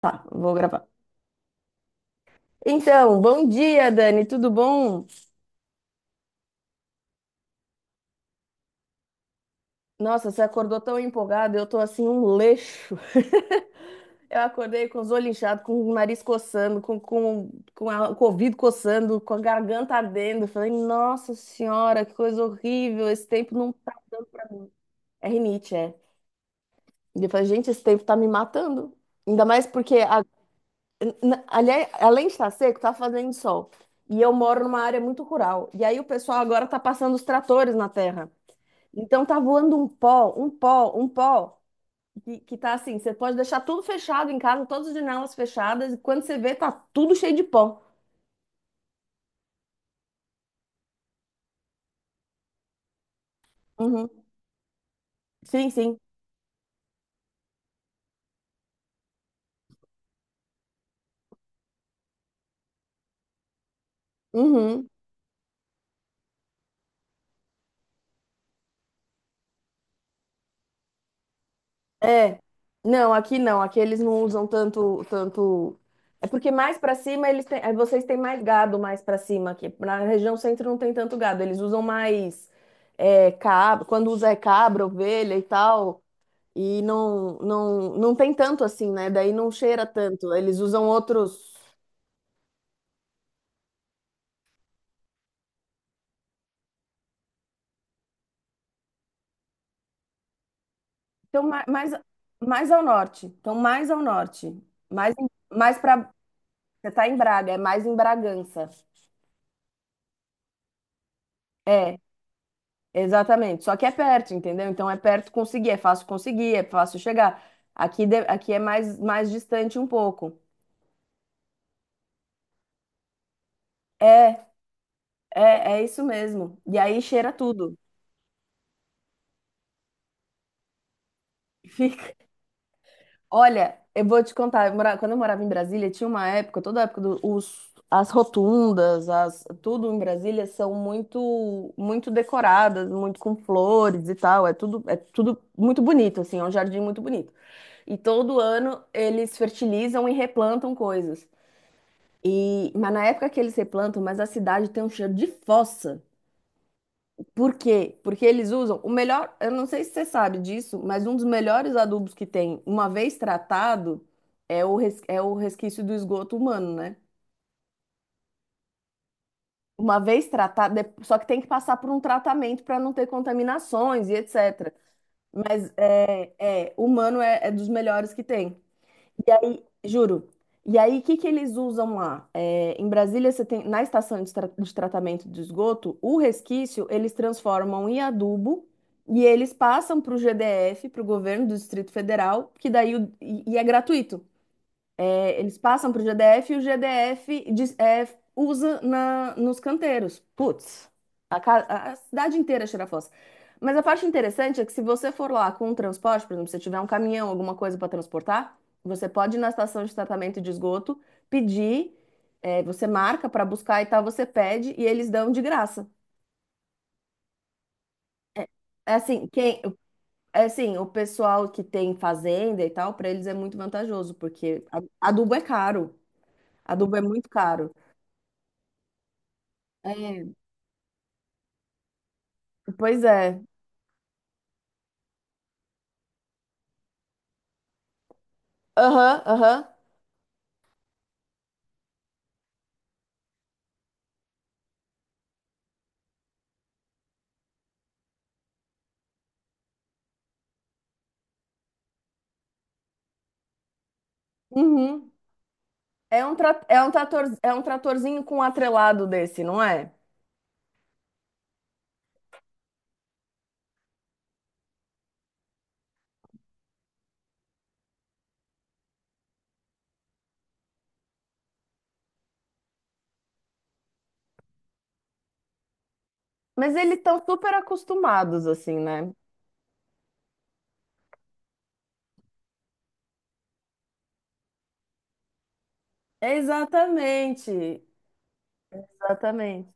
Tá, vou gravar. Então, bom dia, Dani, tudo bom? Nossa, você acordou tão empolgada, eu tô assim um leixo. Eu acordei com os olhos inchados, com o nariz coçando, com o ouvido coçando, com a garganta ardendo. Falei, nossa senhora, que coisa horrível, esse tempo não tá dando pra mim. É rinite, é. E eu falei, gente, esse tempo tá me matando. Ainda mais porque a- na- Aliás, além de estar seco, tá fazendo sol. E eu moro numa área muito rural. E aí o pessoal agora tá passando os tratores na terra. Então tá voando um pó, que tá assim, você pode deixar tudo fechado em casa, todas as janelas fechadas, e quando você vê, tá tudo cheio de pó. Uhum. Sim, sim. Uhum. É. Não, aqui não. Aqui eles não usam tanto. É porque mais para cima eles têm, vocês têm mais gado mais para cima aqui. Na região centro não tem tanto gado. Eles usam mais é, cabra. Quando usa é cabra, ovelha e tal. E não tem tanto assim, né? Daí não cheira tanto. Eles usam outros. Então ma- mais, Mais ao norte. Então mais ao norte. Mais, em- Mais para. Você tá em Braga, é mais em Bragança. É. Exatamente, só que é perto, entendeu? Então é perto conseguir, é fácil chegar. Aqui é mais distante um pouco. É, é isso mesmo. E aí cheira tudo. Fica. Olha, eu vou te contar, quando eu morava em Brasília, tinha uma época, toda a época as rotundas, as, tudo em Brasília são muito decoradas, muito com flores e tal, é tudo muito bonito assim, é um jardim muito bonito. E todo ano eles fertilizam e replantam coisas. Mas na época que eles replantam, mas a cidade tem um cheiro de fossa. Por quê? Porque eles usam o melhor, eu não sei se você sabe disso, mas um dos melhores adubos que tem, uma vez tratado, é é o resquício do esgoto humano, né? Uma vez tratado, só que tem que passar por um tratamento para não ter contaminações e etc. Mas é, é, humano é, é dos melhores que tem. E aí, juro. E aí, o que que eles usam lá? É, em Brasília, você tem, na estação de tratamento de esgoto, o resquício eles transformam em adubo e eles passam para o GDF, para o governo do Distrito Federal, que daí e é gratuito. Eles passam para o GDF e o GDF diz- é, usa na, nos canteiros. Putz, a cidade inteira cheira a fossa. Mas a parte interessante é que se você for lá com um transporte, por exemplo, se tiver um caminhão, alguma coisa para transportar, você pode ir na estação de tratamento de esgoto, pedir, é, você marca para buscar e tal, você pede e eles dão de graça. É é assim, quem, é assim, o pessoal que tem fazenda e tal, para eles é muito vantajoso, porque adubo é caro. Adubo é muito caro. É, pois é. Aham, aham. Uhum. É um, é um trator, é um tratorzinho com um atrelado desse, não é? Mas eles estão super acostumados, assim, né? Exatamente. Exatamente.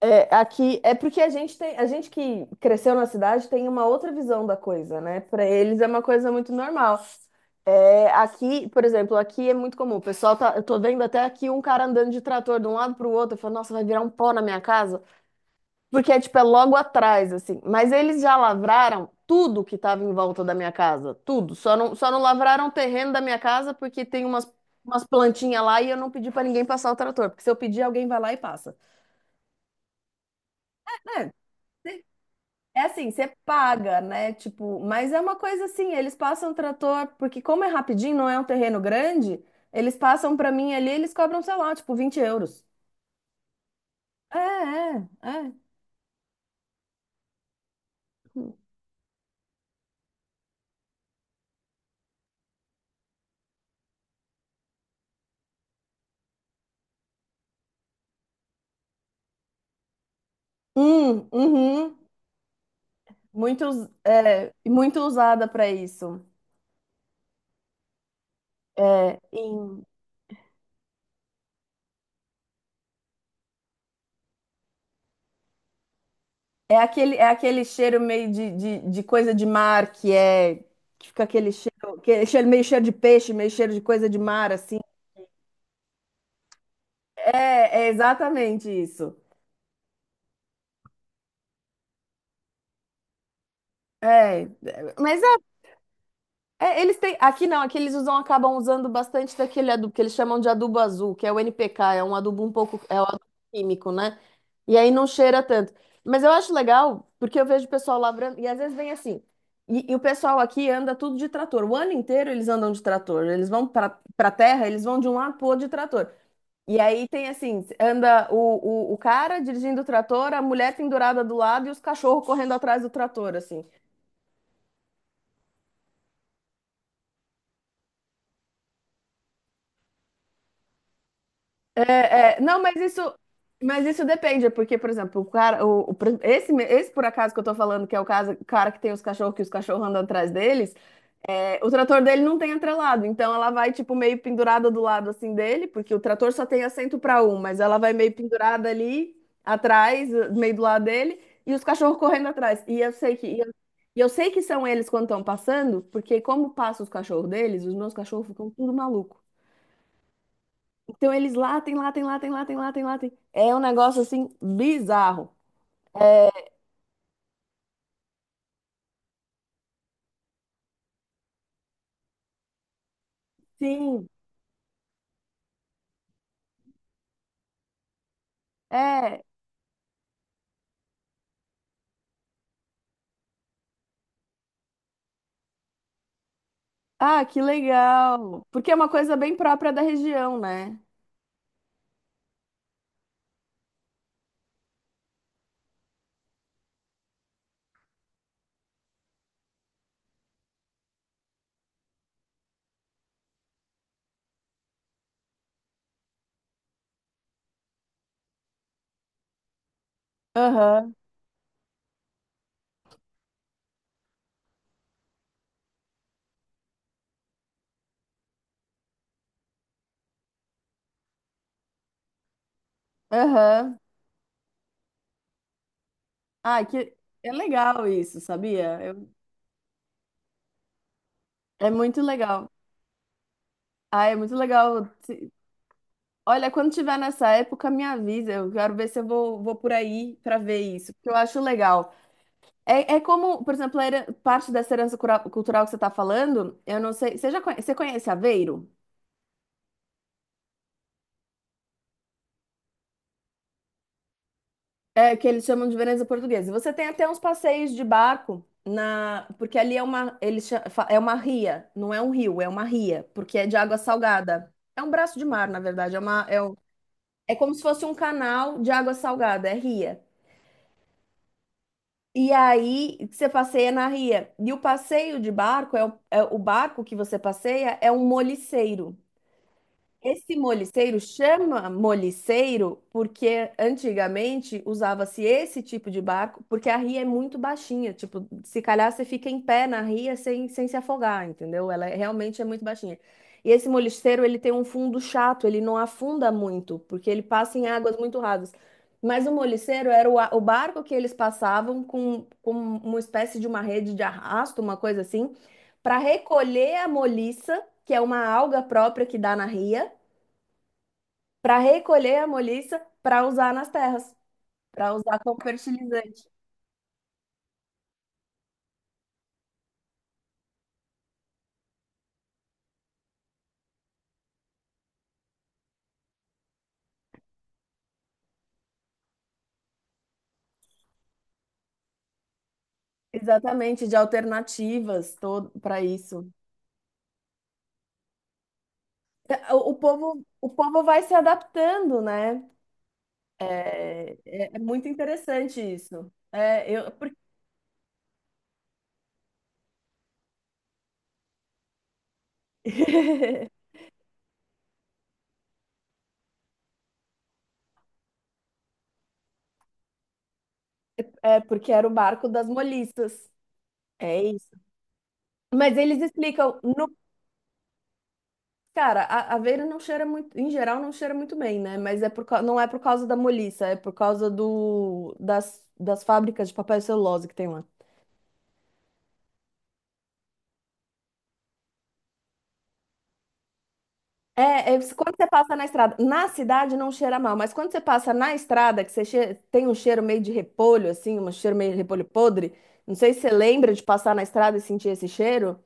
É, aqui é porque a gente tem, a gente que cresceu na cidade tem uma outra visão da coisa, né? Para eles é uma coisa muito normal. É, aqui, por exemplo, aqui é muito comum. O pessoal tá, eu tô vendo até aqui um cara andando de trator de um lado para o outro, eu falo, nossa, vai virar um pó na minha casa. Porque é tipo, é logo atrás, assim. Mas eles já lavraram tudo que estava em volta da minha casa. Tudo. Só não lavraram o terreno da minha casa porque tem umas plantinhas lá e eu não pedi para ninguém passar o trator. Porque se eu pedir, alguém vai lá e passa. É, é assim, você paga, né? Tipo, mas é uma coisa assim, eles passam o trator, porque como é rapidinho, não é um terreno grande, eles passam para mim ali, eles cobram, sei lá, tipo, 20 euros. É. Uhum. É, muito usada para isso. É, em- é aquele cheiro meio de coisa de mar que é que fica aquele cheiro, meio cheiro de peixe, meio cheiro de coisa de mar assim. É, é exatamente isso. É, mas é, eles têm. Aqui não, aqui eles usam, acabam usando bastante daquele adubo que eles chamam de adubo azul, que é o NPK, é um adubo é um adubo químico, né? E aí não cheira tanto. Mas eu acho legal, porque eu vejo o pessoal lavrando, e às vezes vem assim. E o pessoal aqui anda tudo de trator. O ano inteiro eles andam de trator. Eles vão para terra, eles vão de um lado pro outro de trator. E aí tem assim, anda o cara dirigindo o trator, a mulher pendurada do lado e os cachorros correndo atrás do trator, assim. É, é, não, mas isso depende, porque, por exemplo, o cara, o pre- esse, me- esse por acaso que eu tô falando, que é o caso, o cara que tem os cachorros, que os cachorros andam atrás deles, é, o trator dele não tem atrelado, então ela vai, tipo, meio pendurada do lado, assim, dele, porque o trator só tem assento para um, mas ela vai meio pendurada ali, atrás, meio do lado dele, e os cachorros correndo atrás, e eu sei que... e eu sei que são eles quando estão passando, porque como passam os cachorros deles, os meus cachorros ficam tudo malucos. Então eles latem, latem, latem, latem, latem, latem. É um negócio assim bizarro. Sim, é. Ah, que legal. Porque é uma coisa bem própria da região, né? Aham, aham. Ah, que é legal isso, sabia? Eu- É muito legal. Ah, é muito legal. Se- Olha, quando tiver nessa época, me avisa. Eu quero ver se vou por aí para ver isso, porque eu acho legal. É, é como, por exemplo, parte dessa herança cultural que você está falando, eu não sei. Você conhece Aveiro? É, que eles chamam de Veneza Portuguesa. Você tem até uns passeios de barco na, porque ali é uma, é uma ria, não é um rio, é uma ria, porque é de água salgada. É um braço de mar, na verdade, é como se fosse um canal de água salgada, é ria. E aí você passeia na ria. E o passeio de barco é é o barco que você passeia é um moliceiro. Esse moliceiro chama moliceiro porque antigamente usava-se esse tipo de barco, porque a ria é muito baixinha, tipo, se calhar você fica em pé na ria sem se afogar, entendeu? Ela é- realmente é muito baixinha. E esse moliceiro, ele tem um fundo chato, ele não afunda muito, porque ele passa em águas muito rasas. Mas o moliceiro era o barco que eles passavam com uma espécie de uma rede de arrasto, uma coisa assim, para recolher a moliça, que é uma alga própria que dá na ria, para recolher a moliça para usar nas terras, para usar como fertilizante. Exatamente, de alternativas todo para isso. O povo, o povo vai se adaptando, né? É muito interessante isso. É, eu, por- é porque era o barco das moliças. É isso. Mas eles explicam, no cara, a aveira não cheira muito, em geral não cheira muito bem, né? Mas é não é por causa da moliça, é por causa das fábricas de papel e celulose que tem lá. Quando você passa na estrada, na cidade não cheira mal, mas quando você passa na estrada, que você che- tem um cheiro meio de repolho, assim, um cheiro meio de repolho podre, não sei se você lembra de passar na estrada e sentir esse cheiro,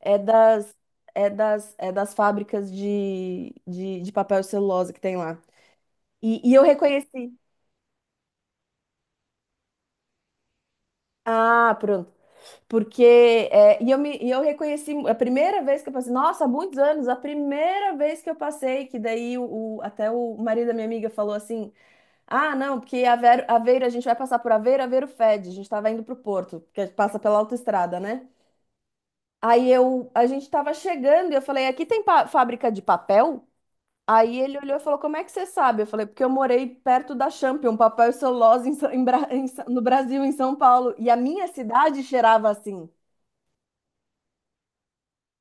é das, é das fábricas de papel e celulose que tem lá. E eu reconheci. Ah, pronto. Porque e eu reconheci a primeira vez que eu passei, nossa, há muitos anos, a primeira vez que eu passei, que daí até o marido da minha amiga falou assim: ah, não, porque Aveiro, a gente vai passar por Aveiro, Aveiro fede, a gente estava indo para o Porto, porque passa pela autoestrada, né? Aí eu, a gente estava chegando e eu falei: aqui tem pa- fábrica de papel? Aí ele olhou e falou: como é que você sabe? Eu falei: porque eu morei perto da Champion, papel e celulose no Brasil, em São Paulo, e a minha cidade cheirava assim.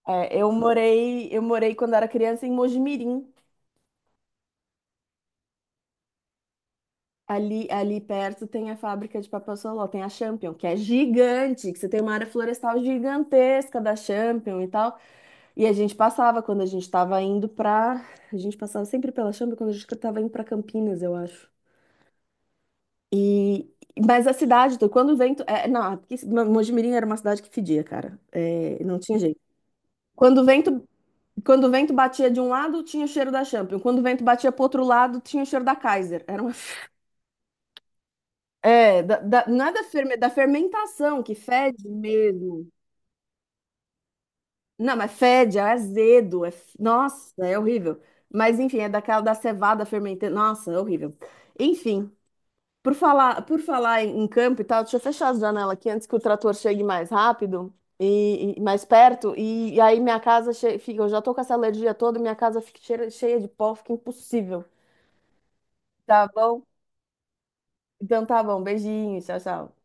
Eu morei quando era criança em Mojimirim. Ali perto tem a fábrica de papel Soló, tem a Champion, que é gigante, que você tem uma área florestal gigantesca da Champion e tal. E a gente passava quando a gente estava indo pra. A gente passava sempre pela Champion quando a gente estava indo pra Campinas, eu acho. E mas a cidade, então, quando o vento, é, não, porque Mojimirim era uma cidade que fedia, cara. É, não tinha jeito. Quando o vento Quando o vento batia de um lado, tinha o cheiro da Champion. Quando o vento batia pro outro lado, tinha o cheiro da Kaiser. Era uma... não é da, da fermentação, que fede mesmo. Não, mas fede, é azedo. Nossa, é horrível. Mas enfim, é daquela da cevada fermentada. Nossa, é horrível. Enfim, por falar em, em campo e tal, deixa eu fechar as janelas aqui antes que o trator chegue mais rápido e mais perto. E aí minha casa che- fica. Eu já tô com essa alergia toda, minha casa cheia de pó, fica impossível. Tá bom? Então tá bom, beijinhos, tchau, tchau.